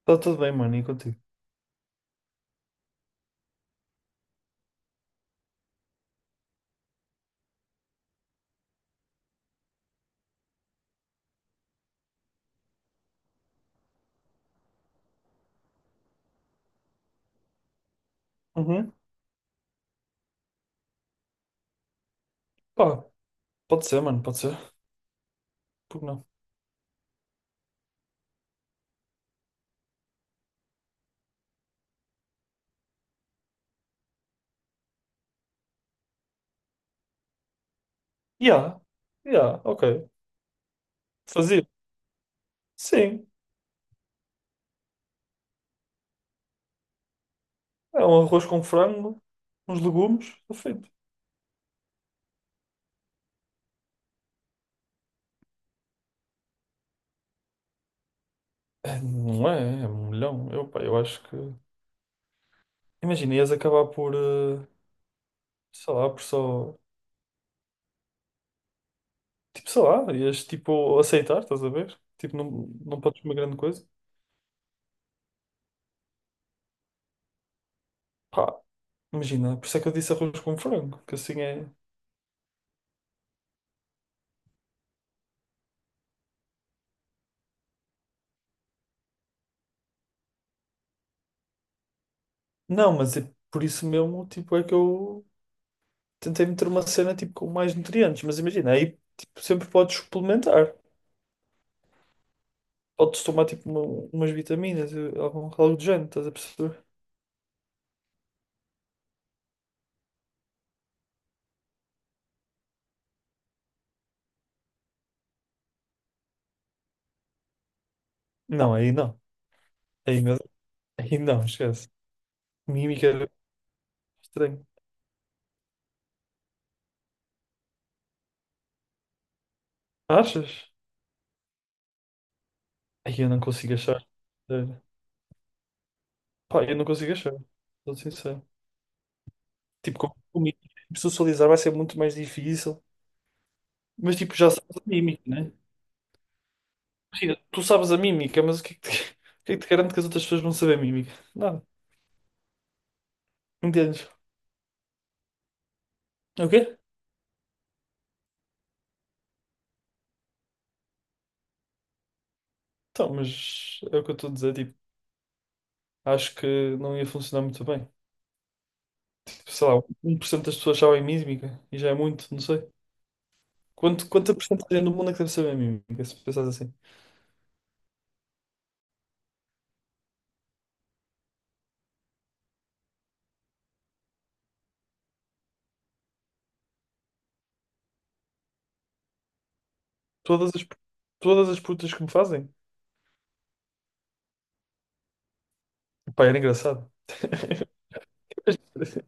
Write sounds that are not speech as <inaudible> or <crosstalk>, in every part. Está tudo bem, mano, e contigo? Uhum. Pá, pode ser, mano, pode ser. Por que não? Ya, ya, ok. Fazia? Sim. É um arroz com frango, uns legumes, está feito. É, não é, é um milhão. Eu, pá, eu acho que. Imagina, ias acabar por, sei lá, por só. Tipo, sei lá, ias tipo aceitar, estás a ver? Tipo, não, não podes comer grande coisa. Pá, imagina, por isso é que eu disse arroz com frango, que assim é. Não, mas é por isso mesmo, tipo, é que eu. Tentei meter uma cena tipo com mais nutrientes, mas imagina, aí tipo, sempre podes suplementar. Podes tomar tipo umas vitaminas, algo do género, estás a perceber? Não, aí não. Aí, meu- aí não, esquece. Mímica era estranho. Achas? Aí eu não consigo achar. Sério. Pá, eu não consigo achar. Sou sincero. Tipo, com mímica, tipo, socializar vai ser muito mais difícil. Mas tipo, já sabes a mímica, né? Imagina, tu sabes a mímica, mas o que é que te, <laughs> o que é que te garante que as outras pessoas vão saber a mímica? Nada. Entendes? Ok? Então, mas é o que eu estou a dizer, tipo, acho que não ia funcionar muito bem. Tipo, sei lá, 1% das pessoas sabem mímica e já é muito, não sei. Quanta porcentagem do mundo é que deve saber mímica, se pensares assim? Todas as, todas as putas que me fazem? Pá, era engraçado. <laughs>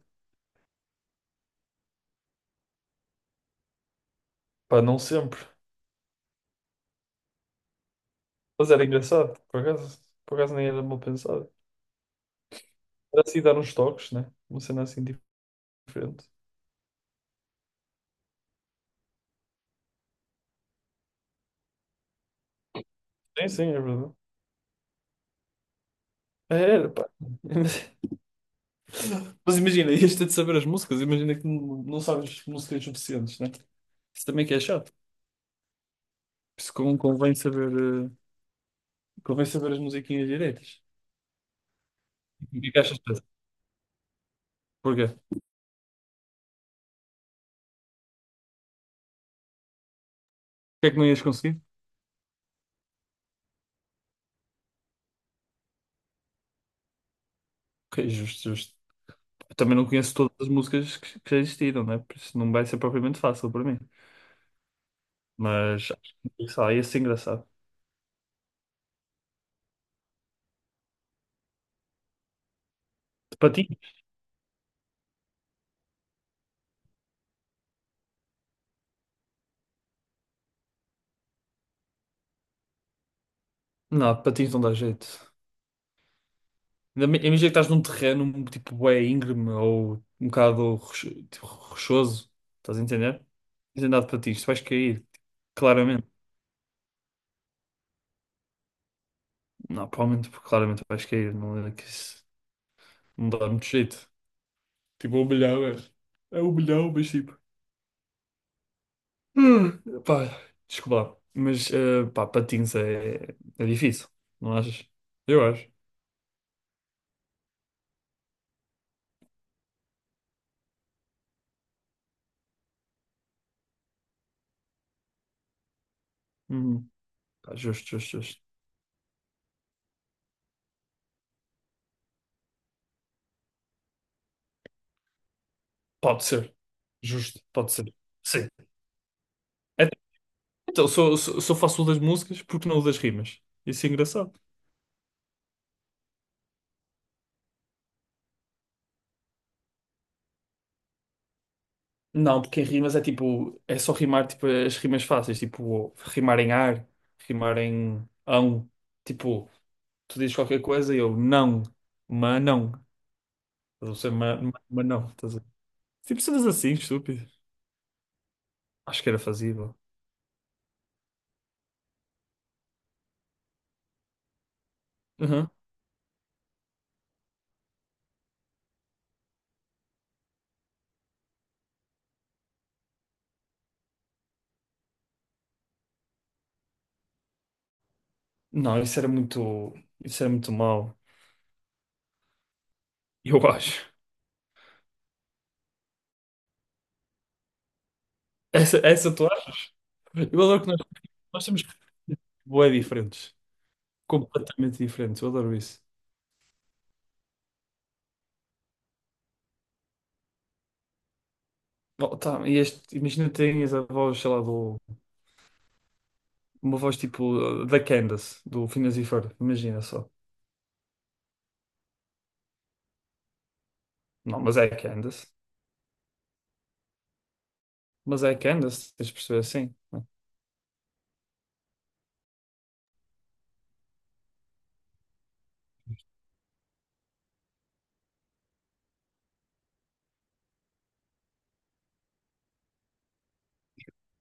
Pá, não sempre. Mas era engraçado, por acaso. Por acaso nem era mal pensado. Era assim dar uns toques, né? Uma cena assim diferente. Sim, sim, é verdade. Era, pá. <laughs> Mas imagina, ias ter de saber as músicas, imagina que não sabes músicas suficientes, né? Isso também que é chato. Por isso eh, convém saber as musiquinhas direitas. E o que é que achas disso? Porquê? O é que não ias conseguir? Ok, justo, justo. Eu também não conheço todas as músicas que já existiram, né? Por isso não vai ser propriamente fácil para mim. Mas acho que, sei lá, ia ser engraçado. De patins? Não, de patins não dá jeito. Ainda imagina que estás num terreno tipo bué íngreme ou um bocado tipo, rochoso, estás a entender? Tens andado para ti, isto vais cair, claramente. Não, provavelmente, porque claramente vais cair, não é que isso não dá muito jeito. Tipo, é um milhão, é. É um milhão, mas tipo. Pá, desculpa lá. Mas, pá, patins é difícil, não achas? Eu acho. Uhum. Pá, justo, justo, justo. Pode ser. Justo, pode ser. Sim. É Então, só faço o das músicas porque não o das rimas. Isso é engraçado. Não, porque em rimas é tipo, é só rimar tipo, as rimas fáceis, tipo, rimar em ar, rimar em ão. Tipo, tu dizes qualquer coisa e eu não, mas não. Estás a perceber? Mas não. Tipo, cenas assim, estúpido. Acho que era fazível. Uhum. Não, isso era muito. Isso era muito mau. Eu acho. Essa tu acha? Eu adoro que nós temos bué diferentes. Completamente diferentes. Eu adoro isso. Oh, tá, e este, imagina tinhas a voz, sei lá, uma voz tipo da Candace, do Phineas e Ferb, imagina só. Não, mas é a Candace. Mas é a Candace, tens de perceber assim, né?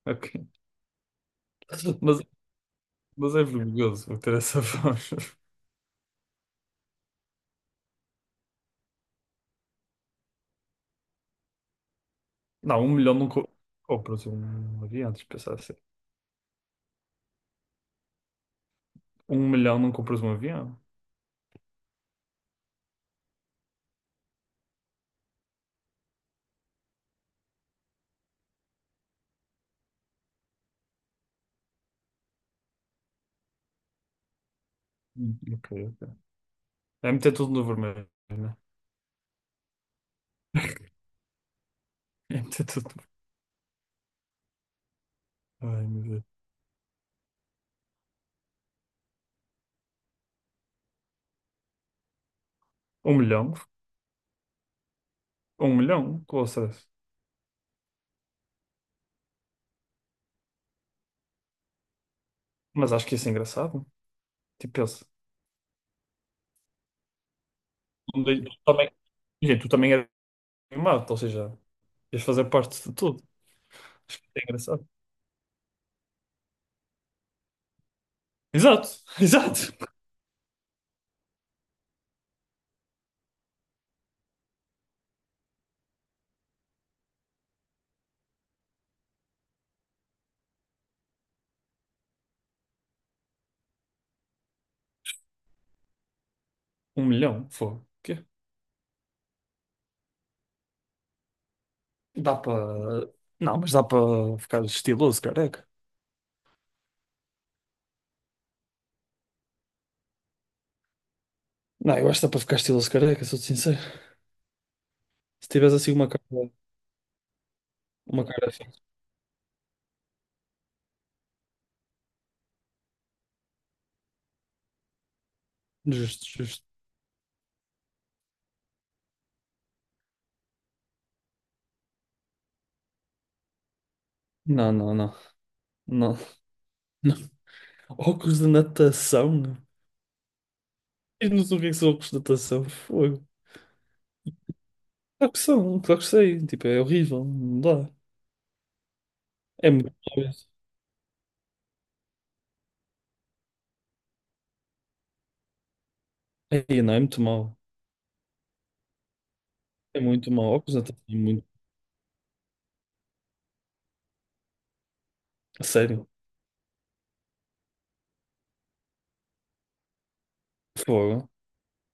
Ok. <laughs> Mas, mas é vergonhoso ter essa <laughs> voz. Não, um milhão não compras um avião, tens de pensar assim. Um milhão não compras um avião? Ok, ok. É meter tudo no vermelho, né? É meter tudo no vermelho. Ai, meu Deus. Um milhão? Um milhão? Com o Mas acho que isso é engraçado. Tipo, pensa. Também Imagina, tu também eras animado, ou seja, ias fazer parte de tudo. Acho que é engraçado. Exato, <laughs> exato. Um milhão, fogo. O quê? Dá para. Não, mas dá para ficar estiloso, careca. Não, eu acho que dá para ficar estiloso, careca, sou-te sincero. Se tivesse assim uma cara. Uma cara fixe. Justo, justo. Não, não, não. Não, não. Óculos de natação? Diz-nos o que é que são óculos de natação. Fogo. Claro que são, claro que sei. Tipo, é horrível. Não dá. É muito mau, isso. É, não, é muito mau. É muito mau. Óculos de natação. A sério? Fogo.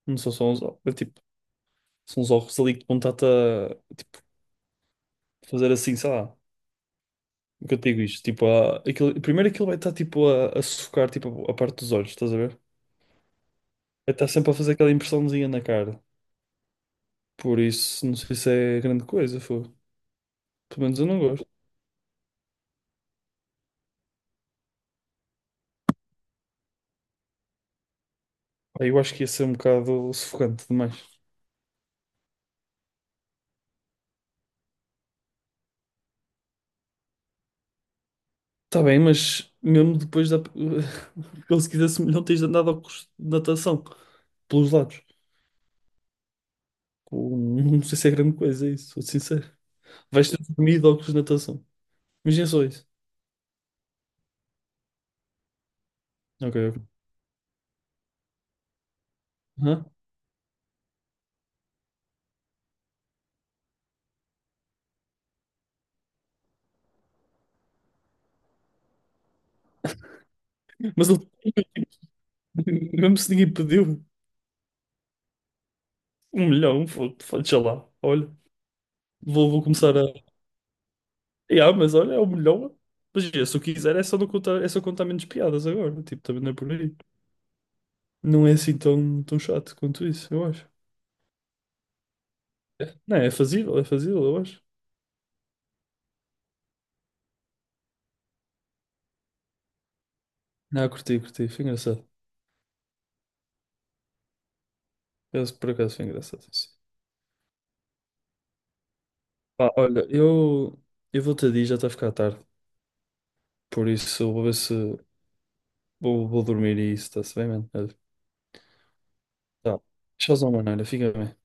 Não são só uns ovos. É tipo, são uns ovos ali que vão estar-te a tipo, fazer assim, sei lá. O que eu te digo isto? Tipo, aquilo, primeiro aquilo vai estar tipo a sufocar tipo, a parte dos olhos, estás a ver? Vai estar sempre a fazer aquela impressãozinha na cara. Por isso, não sei se é grande coisa, fogo. Pelo menos eu não gosto. Pá, eu acho que ia ser um bocado sufocante demais. Tá bem, mas mesmo depois da. <laughs> Como se quisesse, não tens andado ao curso de natação pelos lados. Pô, não sei se é grande coisa isso, sou sincero. Vais ter dormido ou de natação. Imagina só isso. Ok, ok. Hã? Mas ele, <laughs> mesmo se ninguém pediu, um milhão, deixa lá. Olha, vou começar a. Yeah, mas olha, é um milhão. Mas yeah, se eu quiser, é só, não contar, é só contar menos piadas agora. Tipo, também não é por aí. Não é assim tão, tão chato quanto isso, eu acho. É. Não, é fazível, eu acho. Não, curti, curti. Foi engraçado. Eu, por acaso foi engraçado isso. Pá, olha, eu vou-te a dizer, já está a ficar tarde. Por isso, eu vou ver se. Vou dormir e isso está-se bem, mano. Olha, tá. Tchauzão, mano. Olha, fica bem.